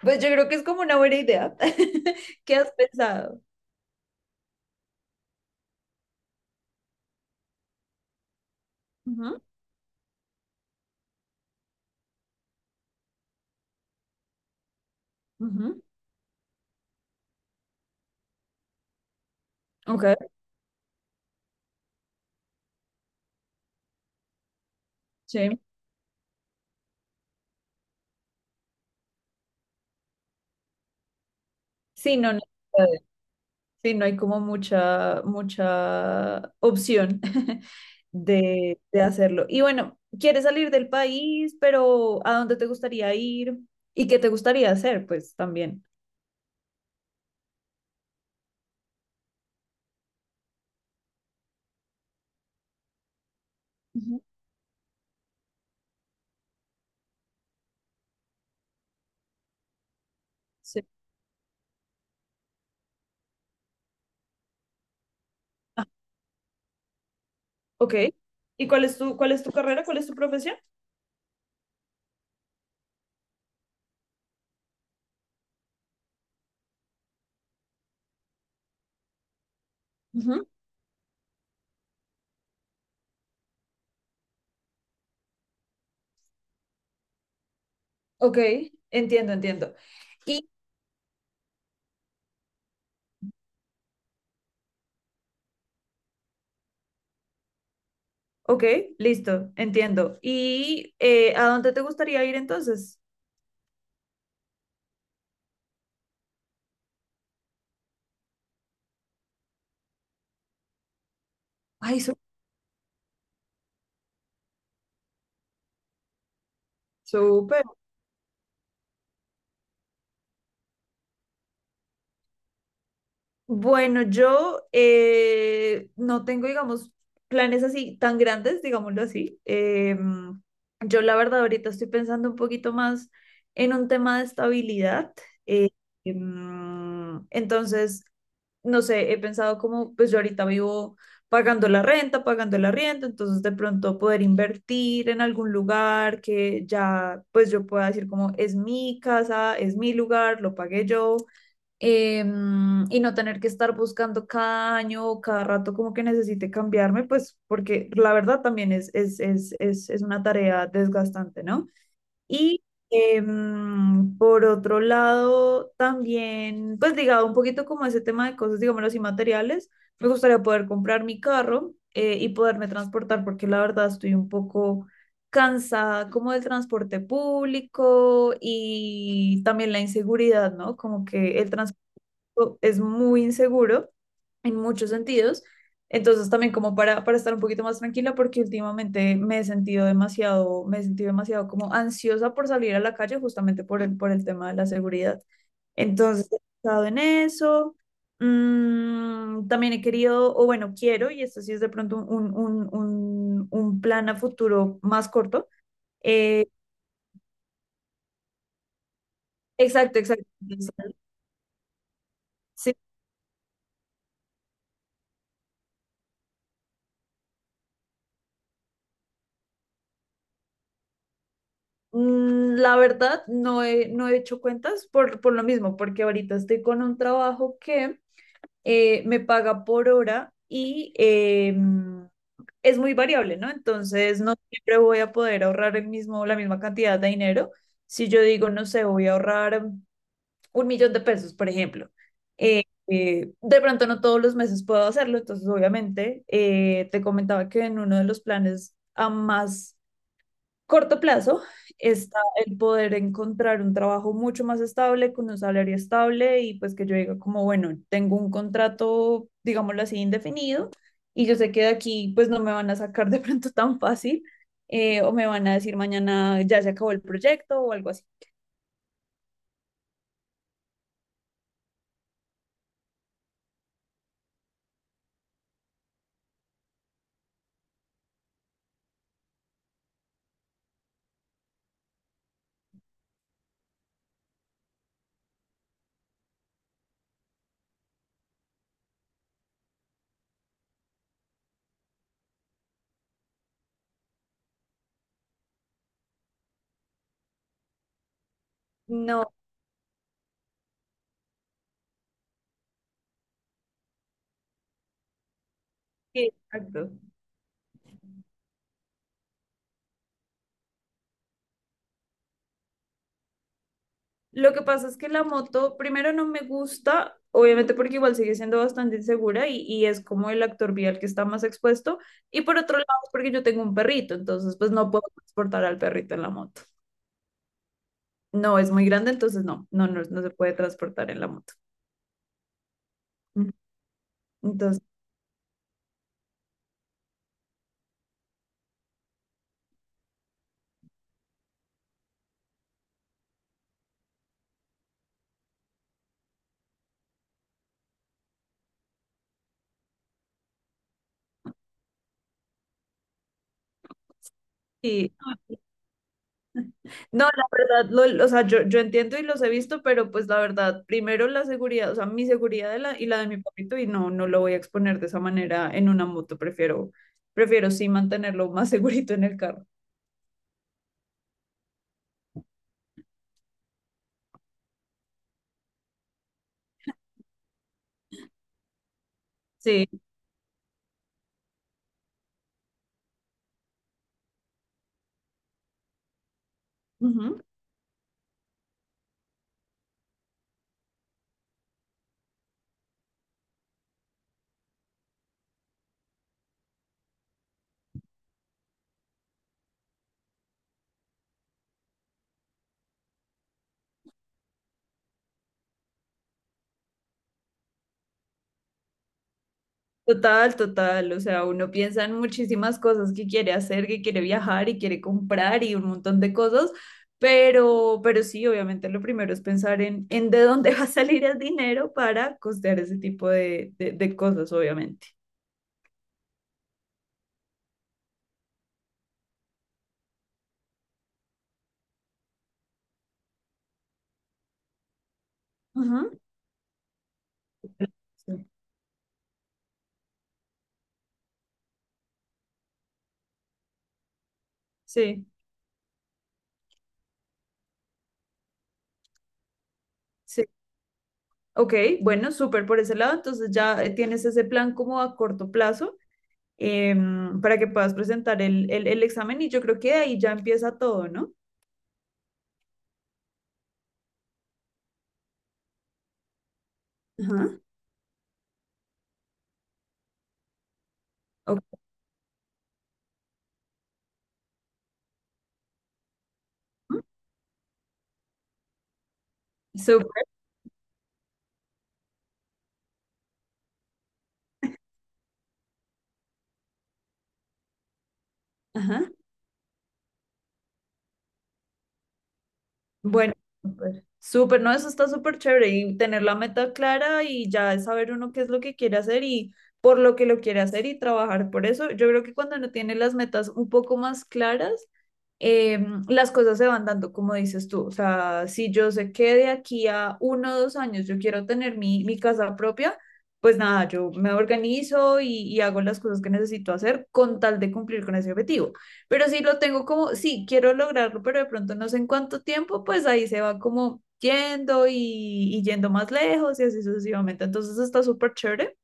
Pues yo creo que es como una buena idea. ¿Qué has pensado? Ujú. Ujú. Ok. Sí. Sí, no, no, eh, sí, no hay como mucha opción de hacerlo. Y bueno, ¿quieres salir del país, pero a dónde te gustaría ir? ¿Y qué te gustaría hacer? Pues también. Ujú. Sí. Ah, ok. ¿Y cuál es tu carrera? ¿Cuál es tu profesión? Ujú. Ok, entiendo, entiendo. Y Ok, listo, entiendo. ¿Y a dónde te gustaría ir entonces? Ay, súper. Bueno, yo no tengo, digamos, planes así tan grandes, digámoslo así. Yo la verdad ahorita estoy pensando un poquito más en un tema de estabilidad. eh, entonces, no sé, he pensado como, pues yo ahorita vivo pagando la renta, pagando el arriendo, entonces de pronto poder invertir en algún lugar que ya, pues yo pueda decir como, es mi casa, es mi lugar, lo pagué yo y no tener que estar buscando cada año o cada rato como que necesite cambiarme, pues porque la verdad también es una tarea desgastante, ¿no? Y por otro lado, también, pues ligado un poquito como a ese tema de cosas, digámoslo así, materiales, me gustaría poder comprar mi carro y poderme transportar, porque la verdad estoy un poco cansada como del transporte público y también la inseguridad, ¿no? Como que el transporte es muy inseguro en muchos sentidos. Entonces también como para estar un poquito más tranquila porque últimamente me he sentido demasiado como ansiosa por salir a la calle justamente por el tema de la seguridad. Entonces he estado en eso. También he querido, o bueno, quiero, y esto sí es de pronto un plan a futuro más corto. eh, exacto, exacto. Sí. La verdad, no he hecho cuentas por lo mismo, porque ahorita estoy con un trabajo que me paga por hora y es muy variable, ¿no? Entonces, no siempre voy a poder ahorrar la misma cantidad de dinero. Si yo digo, no sé, voy a ahorrar 1.000.000 de pesos, por ejemplo. eh, de pronto no todos los meses puedo hacerlo, entonces obviamente te comentaba que en uno de los planes a más corto plazo está el poder encontrar un trabajo mucho más estable, con un salario estable y pues que yo diga como, bueno, tengo un contrato, digámoslo así, indefinido y yo sé que de aquí pues no me van a sacar de pronto tan fácil o me van a decir mañana ya se acabó el proyecto o algo así. No, sí, exacto. Lo que pasa es que la moto, primero no me gusta, obviamente porque igual sigue siendo bastante insegura y es como el actor vial que está más expuesto. Y por otro lado, es porque yo tengo un perrito, entonces pues no puedo transportar al perrito en la moto. No, es muy grande, entonces no, no, no, no se puede transportar en la moto. Ujú. Entonces, sí, no, la verdad, o sea, yo entiendo y los he visto, pero pues la verdad, primero la seguridad, o sea, mi seguridad y la de mi papito, y no, no lo voy a exponer de esa manera en una moto, prefiero sí mantenerlo más segurito en el carro. Sí, ujú. Total, total, o sea, uno piensa en muchísimas cosas que quiere hacer, que quiere viajar y quiere comprar y un montón de cosas, pero sí, obviamente lo primero es pensar en de dónde va a salir el dinero para costear ese tipo de cosas, obviamente. Ujú. Sí. Sí, sí. Ok, bueno, súper por ese lado. Entonces ya tienes ese plan como a corto plazo para que puedas presentar el examen y yo creo que de ahí ya empieza todo, ¿no? Ajá. Ok, súper. Ajá. Bueno, súper. Súper, no, eso está súper chévere y tener la meta clara y ya saber uno qué es lo que quiere hacer y por lo que lo quiere hacer y trabajar por eso. Yo creo que cuando no tiene las metas un poco más claras, las cosas se van dando como dices tú. O sea, si yo sé que de aquí a 1 o 2 años yo quiero tener mi casa propia, pues nada, yo me organizo y hago las cosas que necesito hacer con tal de cumplir con ese objetivo. Pero si lo tengo como, sí, quiero lograrlo, pero de pronto no sé en cuánto tiempo, pues ahí se va como yendo y yendo más lejos y así sucesivamente. Entonces está súper chévere,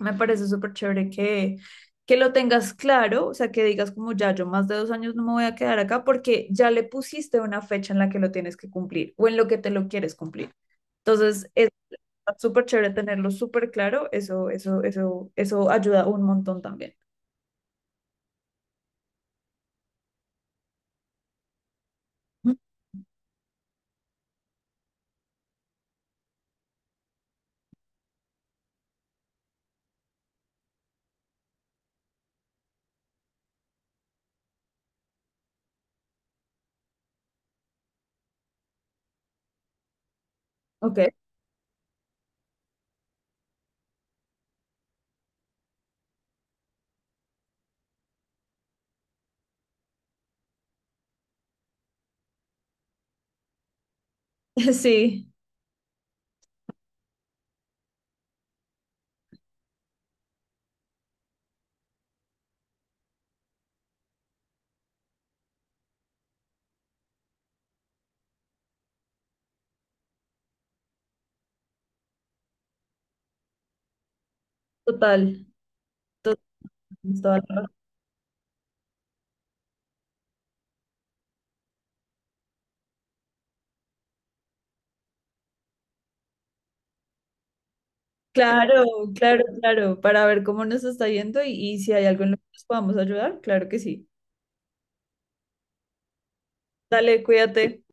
me parece súper chévere que lo tengas claro, o sea, que digas como ya yo más de 2 años no me voy a quedar acá porque ya le pusiste una fecha en la que lo tienes que cumplir o en lo que te lo quieres cumplir. Entonces, es súper chévere tenerlo súper claro, eso ayuda un montón también. Ujú. Ok, sí, total, total, toda la razón. Claro, claro, claro, para ver cómo nos está yendo y si hay algo en lo que nos podamos ayudar, claro que sí. Dale, cuídate.